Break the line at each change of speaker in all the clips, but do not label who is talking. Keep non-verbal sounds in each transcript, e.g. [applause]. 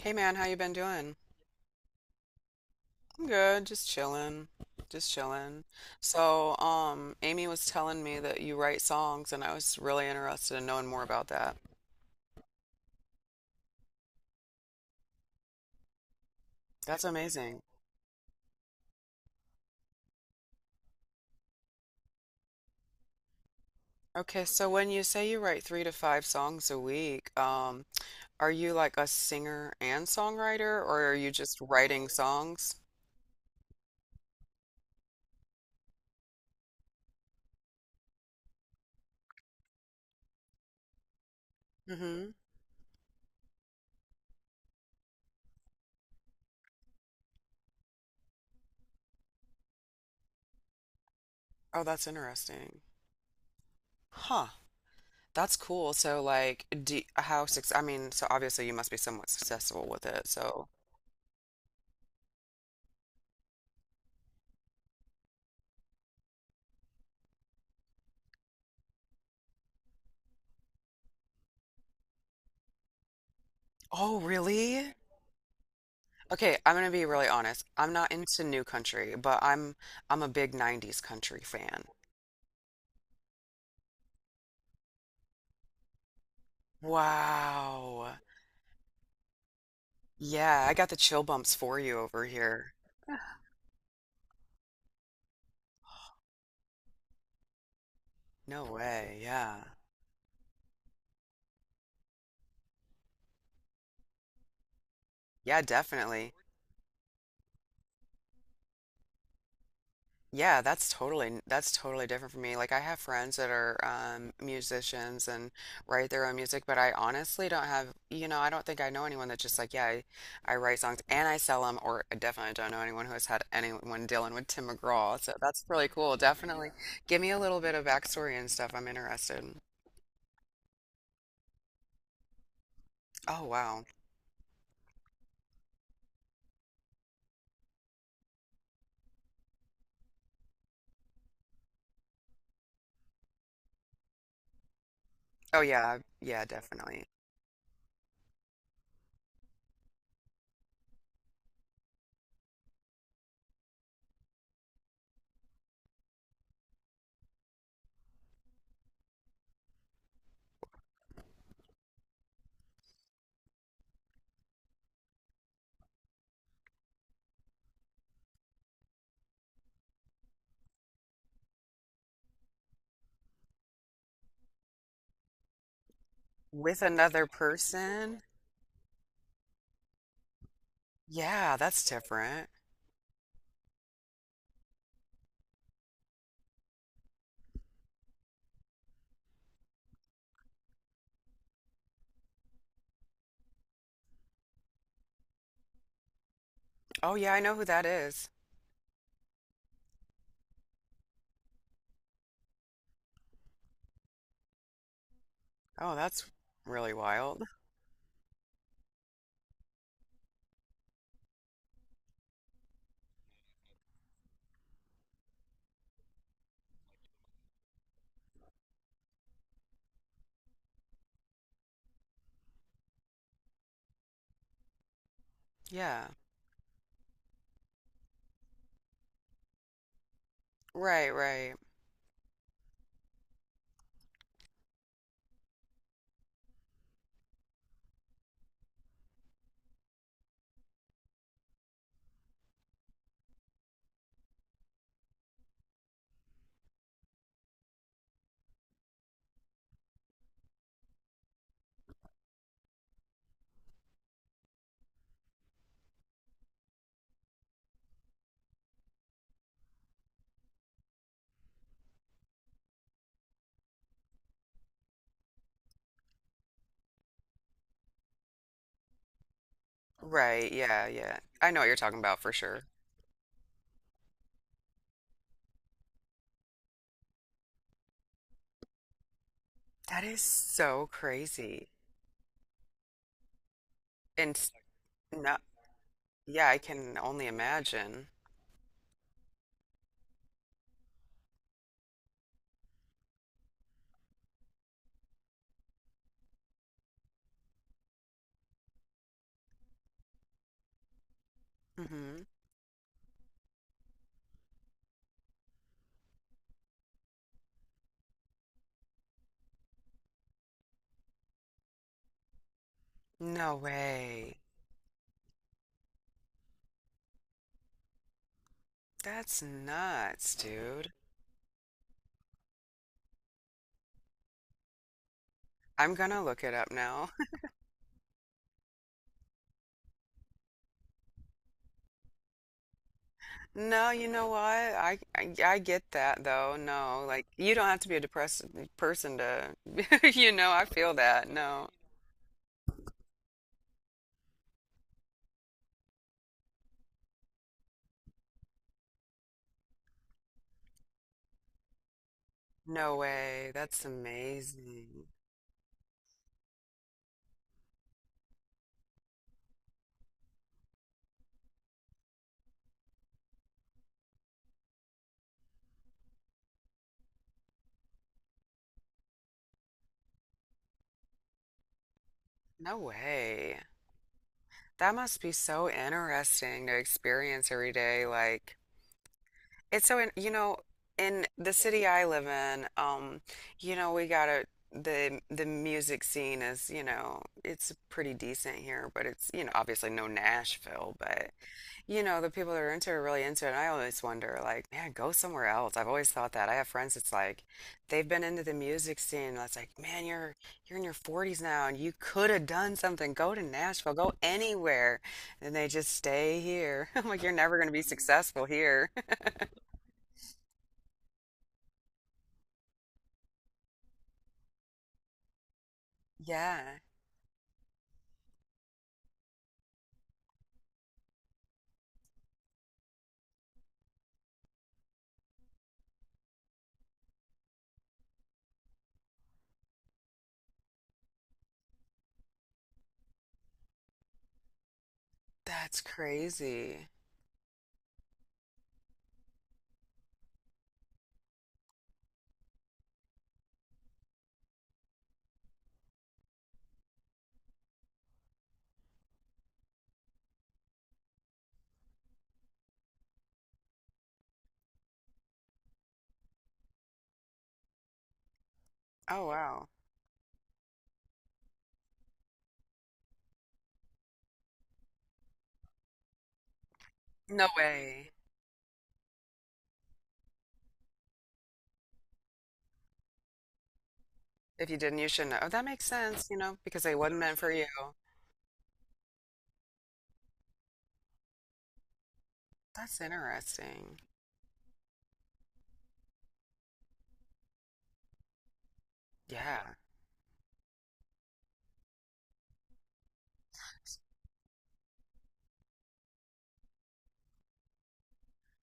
Hey man, how you been doing? I'm good, just chilling. So, Amy was telling me that you write songs, and I was really interested in knowing more about that. That's amazing. Okay, so when you say you write three to five songs a week, are you like a singer and songwriter, or are you just writing songs? Mm-hmm. Oh, that's interesting. Huh. That's cool. So, like, do, how success? I mean, so obviously you must be somewhat successful with it. So, oh, really? Okay, I'm gonna be really honest. I'm not into new country, but I'm a big 90s country fan. Wow. Yeah, I got the chill bumps for you over here. No way. Yeah. Yeah, definitely. Yeah, that's totally different for me. Like I have friends that are musicians and write their own music, but I honestly don't have, you know, I don't think I know anyone that's just like, yeah, I write songs and I sell them, or I definitely don't know anyone who has had anyone dealing with Tim McGraw. So that's really cool. Definitely give me a little bit of backstory and stuff. I'm interested. Oh wow. Oh yeah, yeah, definitely. With another person? Yeah, that's different. Oh yeah, I know who that is. Oh, that's really wild. Yeah. Right, right. Right. Yeah, yeah. I know what you're talking about for sure. That is so crazy. And s- no, yeah, I can only imagine. Hmm. No way. That's nuts, dude. I'm gonna look it up now. [laughs] No, you know what? I get that though. No, like you don't have to be a depressed person to, [laughs] you know, I feel that. No. No way. That's amazing. No way. That must be so interesting to experience every day. Like, it's so, in, you know, in the city I live in, you know, we got a the music scene is, you know, it's pretty decent here, but it's, you know, obviously no Nashville, but you know, the people that are into it are really into it. And I always wonder, like, man, go somewhere else. I've always thought that. I have friends that's like, they've been into the music scene. And it's like, man, you're in your 40s now, and you could have done something. Go to Nashville, go anywhere, and they just stay here. [laughs] I'm like, you're never going to be successful here. [laughs] Yeah, that's crazy. Oh wow, no way. If you didn't, you shouldn't. Have. Oh, that makes sense. You know, because they wasn't meant for you. That's interesting. Yeah.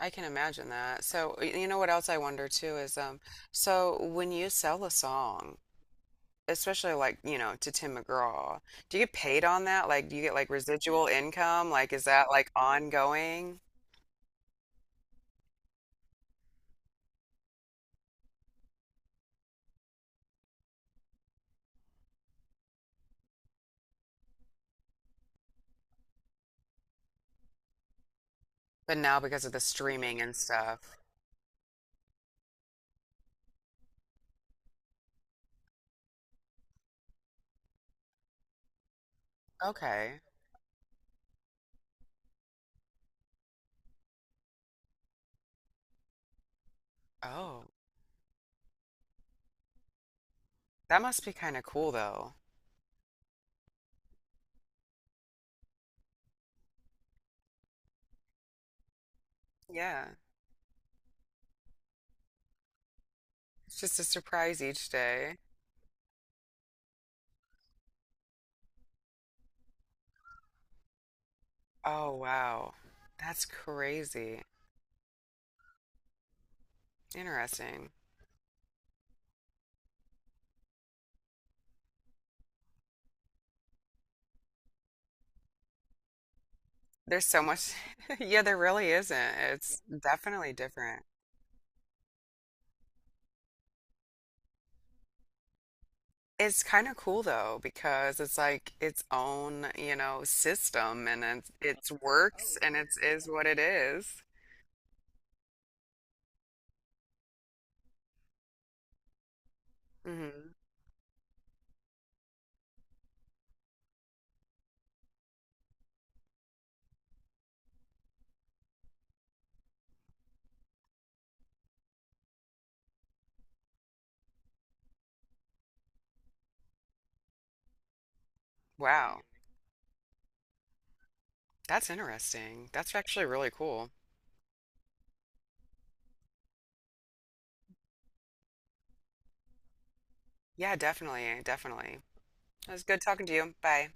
I can imagine that. So, y- you know what else I wonder too is so when you sell a song, especially like, you know, to Tim McGraw, do you get paid on that? Like, do you get like residual income? Like, is that like ongoing? But now because of the streaming and stuff. Okay. Oh, that must be kind of cool though. Yeah. It's just a surprise each day. Oh, wow. That's crazy. Interesting. There's so much. [laughs] Yeah, there really isn't. It's definitely different. It's kind of cool though because it's like its own, you know, system and it it's works and it's is what it is. Mm-hmm. Wow. That's interesting. That's actually really cool. Yeah, definitely, definitely. It was good talking to you. Bye.